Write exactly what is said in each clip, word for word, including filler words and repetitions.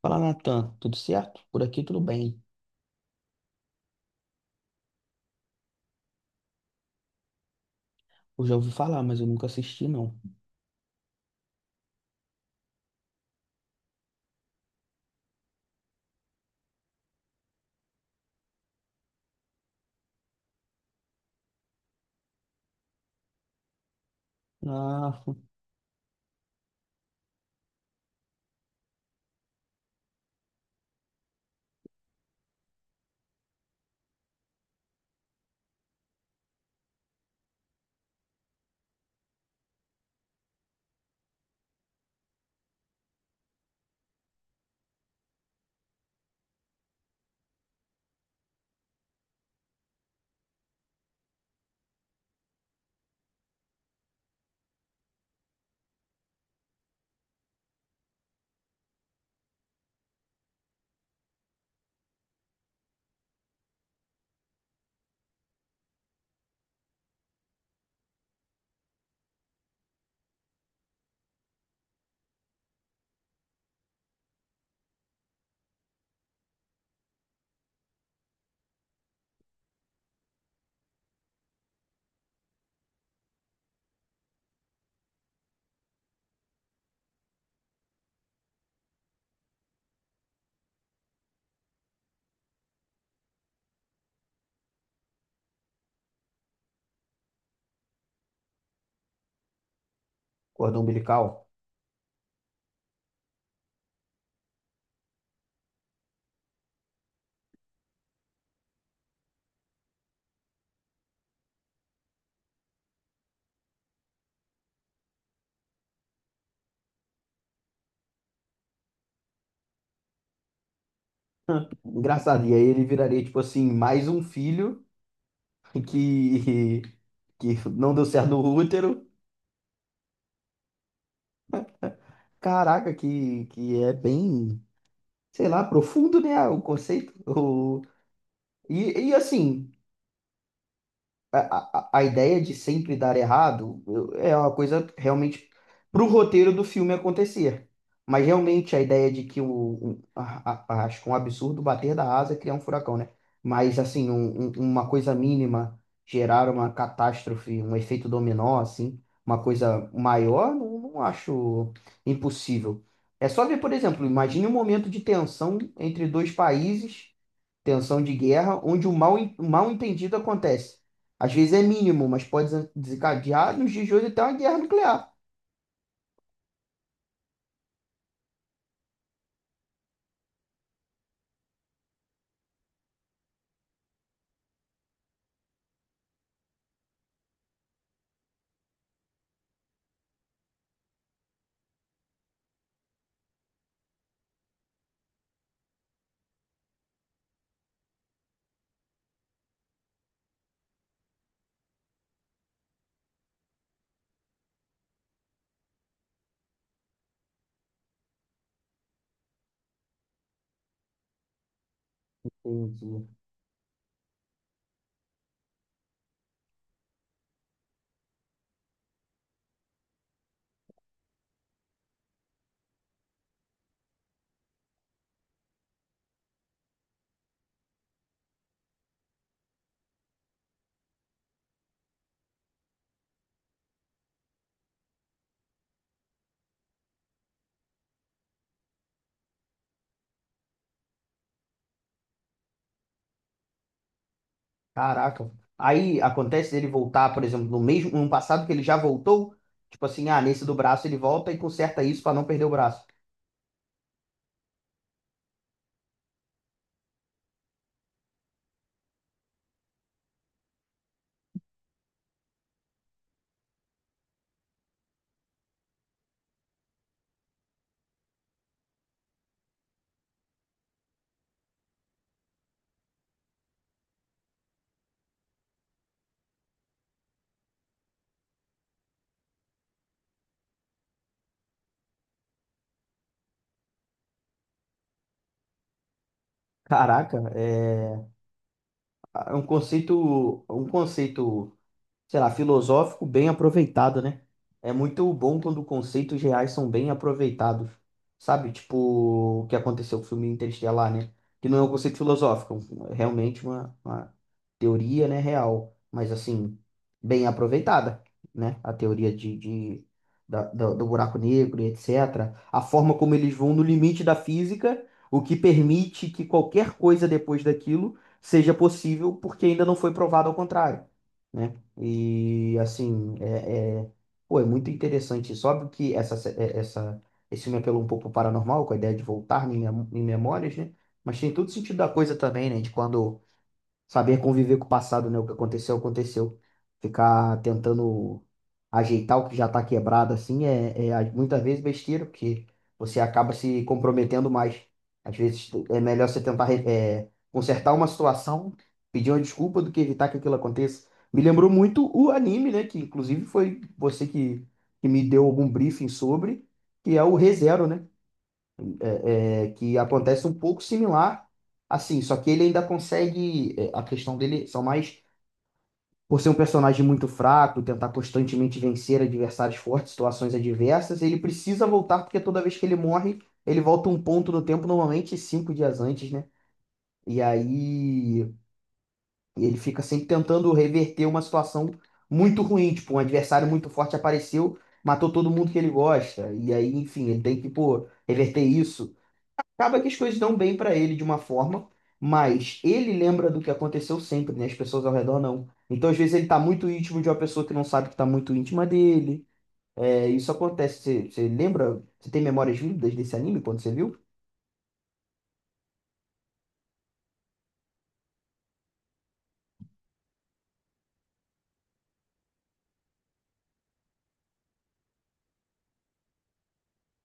Fala, Natan, tudo certo? Por aqui tudo bem. Eu já ouvi falar, mas eu nunca assisti, não. Ah, cordão umbilical. Engraçado. E aí ele viraria, tipo assim, mais um filho que, que não deu certo no útero. Caraca, que, que é bem, sei lá, profundo, né? O conceito. O, e, e assim, a, a a ideia de sempre dar errado eu- é uma coisa realmente para o roteiro do filme acontecer. Mas realmente a ideia de que o, um- a- a- acho que um absurdo bater da asa e criar um furacão, né? Mas assim, um- um- uma coisa mínima gerar uma catástrofe, um efeito dominó, assim, uma coisa maior, não, não acho impossível. É só ver, por exemplo, imagine um momento de tensão entre dois países, tensão de guerra, onde o mal, o mal entendido acontece. Às vezes é mínimo, mas pode desencadear nos dias de hoje até uma guerra nuclear. Entendi. Caraca. Aí acontece ele voltar, por exemplo, no mesmo no passado que ele já voltou, tipo assim, ah, nesse do braço ele volta e conserta isso para não perder o braço. Caraca, é é um conceito, um conceito, sei lá, filosófico bem aproveitado, né? É muito bom quando conceitos reais são bem aproveitados. Sabe? Tipo, o que aconteceu com o filme Interestelar, né? Que não é um conceito filosófico, é um, realmente uma, uma teoria, né, real, mas assim, bem aproveitada, né? A teoria de, de- da- do, do buraco negro e et cetera. A forma como eles vão no limite da física, o que permite que qualquer coisa depois daquilo seja possível, porque ainda não foi provado ao contrário, né? E assim, é, é, pô, é muito interessante isso. Óbvio que essa, sé- é- essa, esse filme apelou um pouco pro paranormal, com a ideia de voltar em, mem- em memórias, né? Mas tem todo sentido da coisa também, né? De quando Saber conviver com o passado, né? O que aconteceu, aconteceu. Ficar tentando ajeitar o que já tá quebrado, assim, é, é a- muitas vezes besteira, porque você acaba se comprometendo mais. Às vezes é melhor você tentar re- é, consertar uma situação, pedir uma desculpa, do que evitar que aquilo aconteça. Me lembrou muito o anime, né? Que inclusive foi você que, que me deu algum briefing sobre, que é o ReZero, né? é, é, que acontece um pouco similar, assim, só que ele ainda consegue, é, a questão dele são mais por ser um personagem muito fraco, tentar constantemente vencer adversários fortes, situações adversas, ele precisa voltar porque toda vez que ele morre, ele volta um ponto no tempo, normalmente cinco dias antes, né? E aí ele fica sempre tentando reverter uma situação muito ruim, tipo, um adversário muito forte apareceu, matou todo mundo que ele gosta, e aí, enfim, ele tem que, pô, reverter isso. Acaba que as coisas dão bem para ele de uma forma, mas ele lembra do que aconteceu sempre, né? As pessoas ao redor não. Então, às vezes, ele tá muito íntimo de uma pessoa que não sabe que tá muito íntima dele. É, isso acontece. Você, você lembra? Você tem memórias vívidas desse anime quando você viu?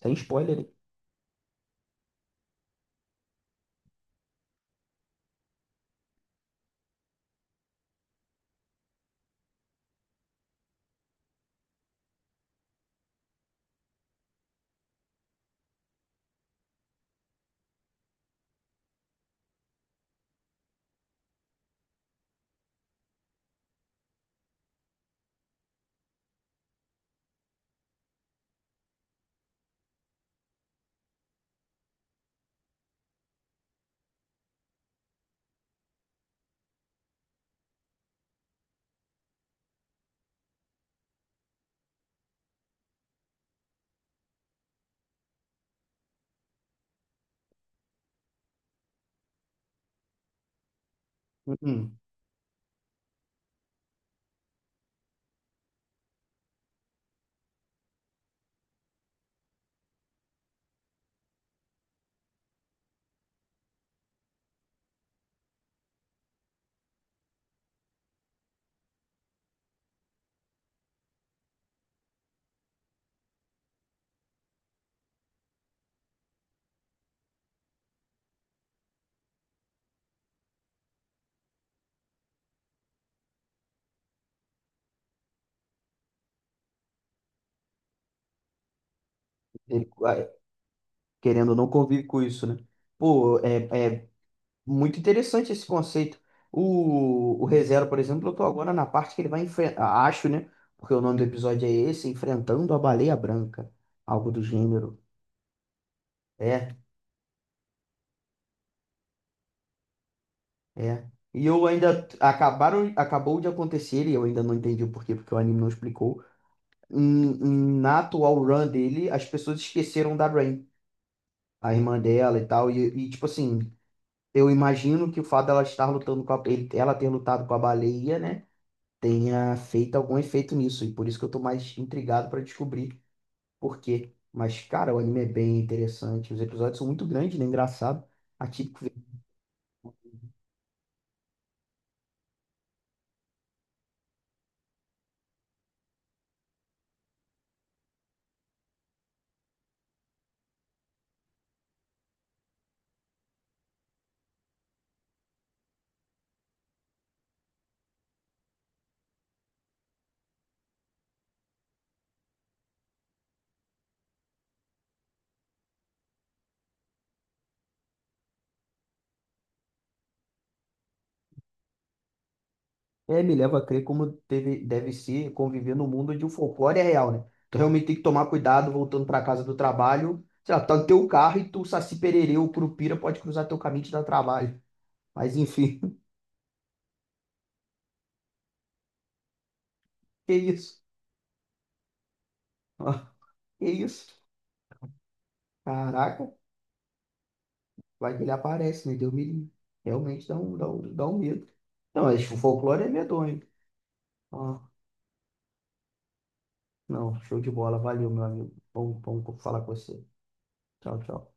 Tem spoiler, hein? Uhum. Ele, ah, querendo ou não, convive com isso, né? Pô, é, é muito interessante esse conceito. O, o ReZero, por exemplo, eu tô agora na parte que ele vai enfrentar. Acho, né? Porque o nome do episódio é esse: Enfrentando a Baleia Branca. Algo do gênero. É, é. E eu ainda acabaram, acabou de acontecer, e eu ainda não entendi o porquê, porque o anime não explicou. Em- em- na atual run dele, as pessoas esqueceram da Rain, a irmã dela e tal. E, e, tipo assim, eu imagino que o fato dela estar lutando com a, ele- ela ter lutado com a baleia, né? Tenha feito algum efeito nisso. E por isso que eu tô mais intrigado pra descobrir por quê. Mas, cara, o anime é bem interessante. Os episódios são muito grandes, né? Engraçado. Atípico. É, me leva a crer como teve, deve ser conviver no mundo onde o folclore é real, né? Tu realmente tem que tomar cuidado voltando para casa do trabalho. Sei lá, tá no teu carro e tu, Saci Pererê, o Curupira pode cruzar teu caminho e te dar trabalho. Mas enfim, que isso? Ó, que isso? Caraca, vai que ele aparece, né? Deus me livre. Realmente dá um, dá um, dá um medo. Não, mas o folclore é medonho. Ó, não, show de bola. Valeu, meu amigo. Bom, bom falar com você. Tchau, tchau.